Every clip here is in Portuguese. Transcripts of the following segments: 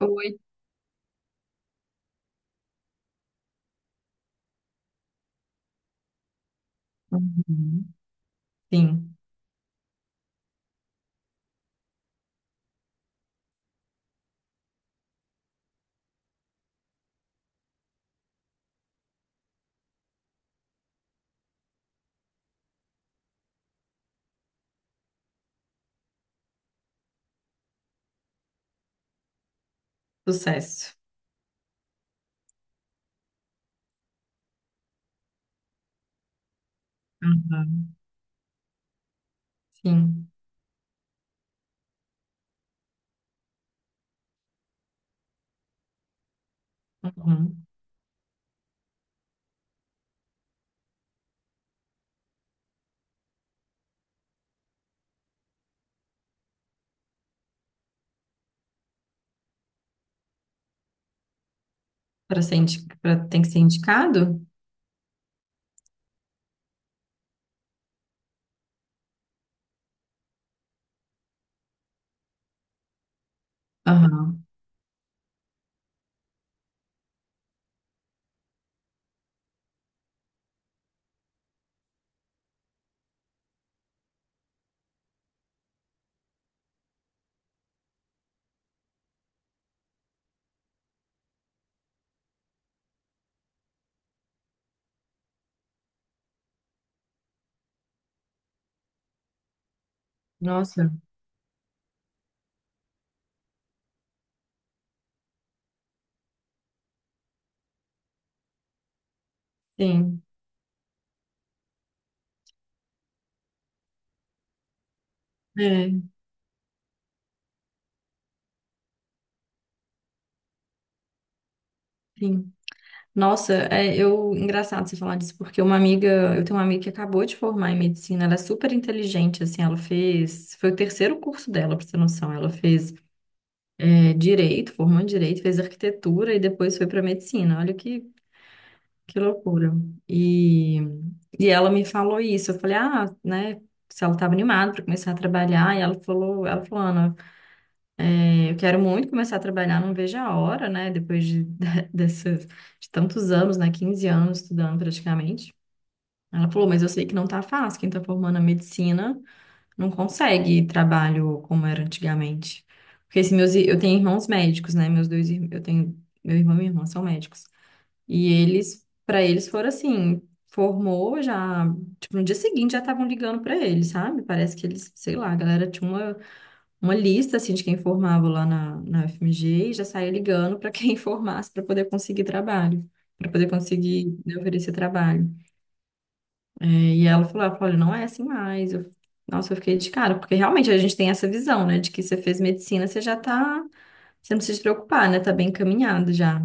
Oi. Uhum. Sim, sucesso. Uhum. Sim. Uhum. Para ser indi... pra... Tem que ser indicado? Aham. Nossa, sim. É, sim. Nossa, é, eu engraçado você falar disso, porque eu tenho uma amiga que acabou de formar em medicina, ela é super inteligente, assim, foi o terceiro curso dela, pra você ter noção, ela fez direito, formou em direito, fez arquitetura e depois foi para medicina. Olha que loucura. E, e ela me falou isso. Eu falei, ah, né? Se ela estava animada para começar a trabalhar, e ela falou, Ana, eu quero muito começar a trabalhar, não vejo a hora, né? Depois de, dessas, de tantos anos, né? 15 anos estudando praticamente. Ela falou, mas eu sei que não tá fácil. Quem tá formando a medicina não consegue trabalho como era antigamente. Porque se meus, ir- eu tenho irmãos médicos, né? Meus dois, ir- eu tenho, meu irmão e minha irmã são médicos. E eles, para eles, foram assim, formou já, tipo, no dia seguinte já estavam ligando para eles, sabe? Parece que eles, sei lá, a galera tinha uma lista, assim, de quem formava lá na FMG e já saía ligando para quem formasse para poder conseguir trabalho, para poder conseguir, né, oferecer trabalho. É, e ela falou, olha, não é assim mais. Nossa, eu fiquei de cara, porque realmente a gente tem essa visão, né, de que você fez medicina, você já tá, você não precisa se preocupar, né, tá bem encaminhado já.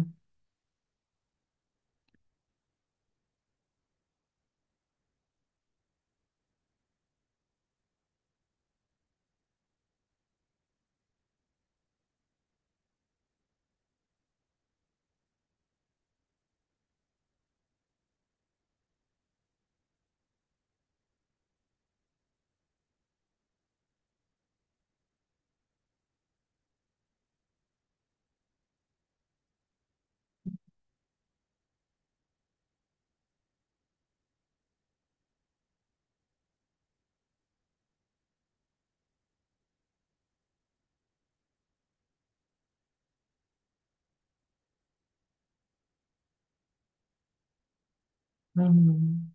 Uhum.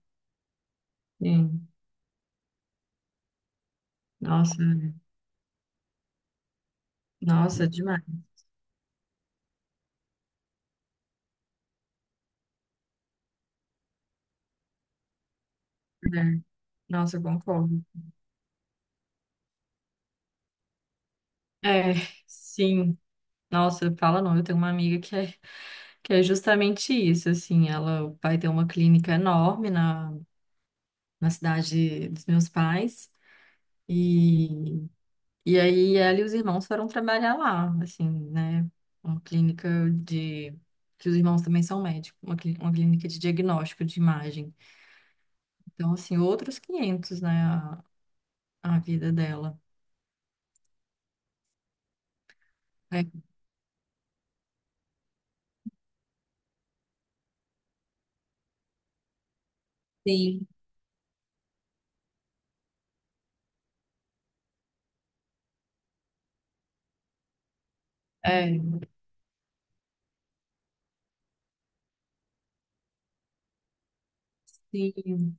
Sim. Nossa, é. Nossa, demais, né? Nossa, eu concordo. É, sim. Nossa, fala não, eu tenho uma amiga que é, que é, justamente isso, assim, ela vai ter uma clínica enorme na cidade dos meus pais, e, aí ela e os irmãos foram trabalhar lá, assim, né? Uma clínica de. Que os irmãos também são médicos, uma, clínica de diagnóstico de imagem. Então, assim, outros 500, né, a, vida dela. É, sim. É, sim.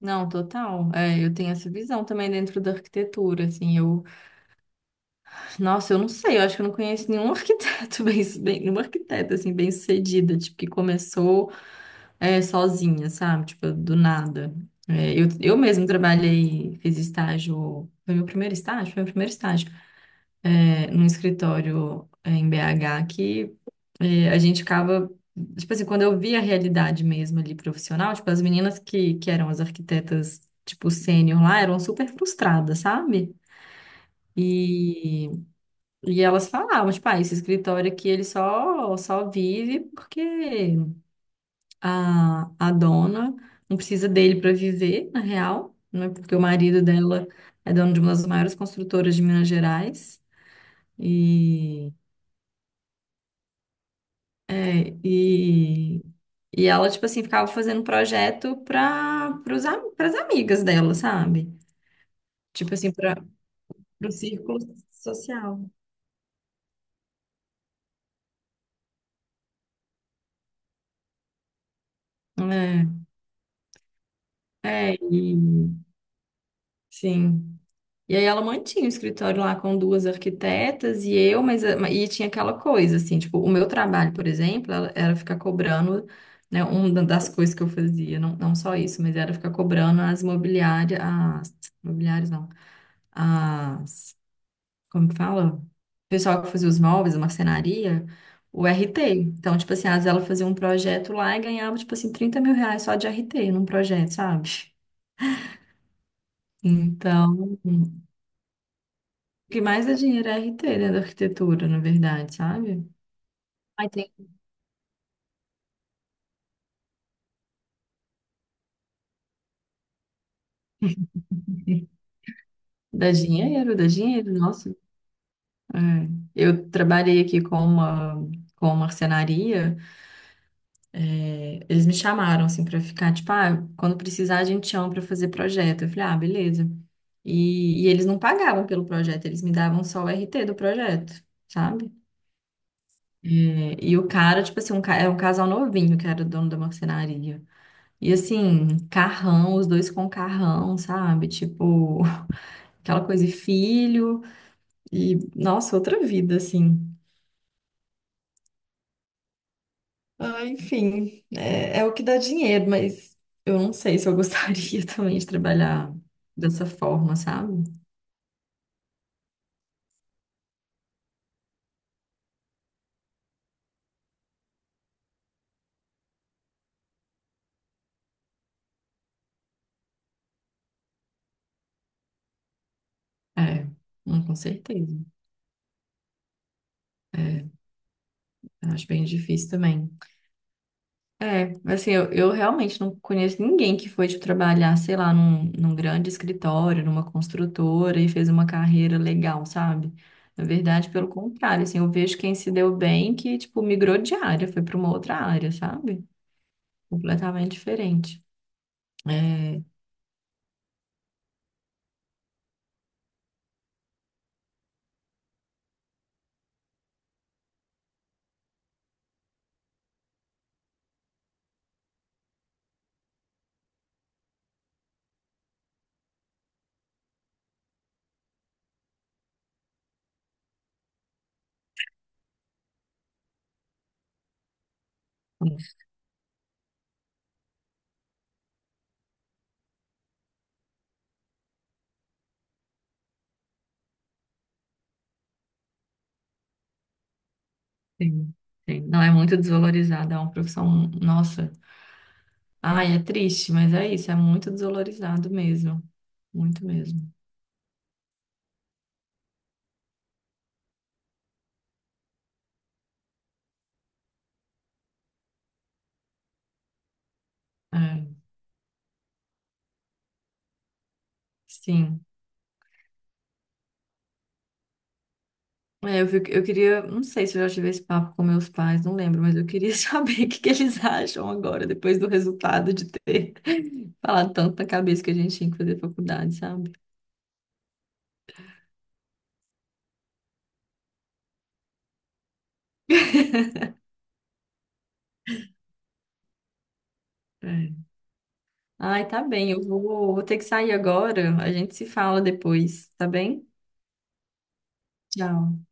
Não, total. É, eu tenho essa visão também dentro da arquitetura, assim, eu. Nossa, eu não sei, eu acho que eu não conheço nenhum arquiteto bem, bem nenhuma arquiteta, assim, bem-sucedida, tipo, que começou sozinha, sabe? Tipo, do nada. É, eu mesmo trabalhei, fiz estágio, foi meu primeiro estágio, num escritório em BH que e a gente ficava, tipo assim, quando eu via a realidade mesmo ali profissional, tipo, as meninas que eram as arquitetas, tipo, sênior lá, eram super frustradas, sabe? E, e elas falavam, tipo, ah, esse escritório aqui, ele só vive porque a dona não precisa dele para viver, na real, né? Porque o marido dela é dono de uma das maiores construtoras de Minas Gerais. E, é, e E ela, tipo assim, ficava fazendo um projeto para as amigas dela, sabe? Tipo assim, para o círculo social. É, é, e sim. E aí ela mantinha o escritório lá com duas arquitetas e eu, mas e tinha aquela coisa, assim, tipo, o meu trabalho, por exemplo, era ficar cobrando, né, uma das coisas que eu fazia, não, não só isso, mas era ficar cobrando as imobiliárias não, como que fala? O pessoal que fazia os móveis, a marcenaria, o RT. Então, tipo assim, às vezes ela fazia um projeto lá e ganhava, tipo assim, 30 mil reais só de RT num projeto, sabe? Então, o que mais dá dinheiro é RT, né, da arquitetura, na verdade, sabe? Ai, tem. Dá dinheiro, nossa. É. Eu trabalhei aqui com uma, marcenaria. Eles me chamaram, assim, pra ficar, tipo, ah, quando precisar a gente chama pra fazer projeto. Eu falei, ah, beleza. E eles não pagavam pelo projeto, eles me davam só o RT do projeto, sabe? É, e o cara, tipo assim, era um casal novinho que era dono da marcenaria. E assim, carrão, os dois com carrão, sabe? Tipo, aquela coisa de filho. E, nossa, outra vida, assim. Ah, enfim, é, é o que dá dinheiro, mas eu não sei se eu gostaria também de trabalhar dessa forma, sabe? É, não, com certeza. É, eu acho bem difícil também. É, assim, eu realmente não conheço ninguém que foi de trabalhar, sei lá, num, grande escritório, numa construtora e fez uma carreira legal, sabe? Na verdade, pelo contrário, assim, eu vejo quem se deu bem que, tipo, migrou de área, foi para uma outra área, sabe? Completamente diferente. É, sim, sim. Não é muito desvalorizado, é uma profissão, nossa. Ai, é triste, mas é isso, é muito desvalorizado mesmo. Muito mesmo. É, sim. É, eu queria, não sei se eu já tive esse papo com meus pais, não lembro, mas eu queria saber o que que eles acham agora, depois do resultado de ter falado tanto na cabeça que a gente tinha que fazer faculdade, sabe? É. Ai, tá bem, eu vou ter que sair agora, a gente se fala depois, tá bem? Tchau.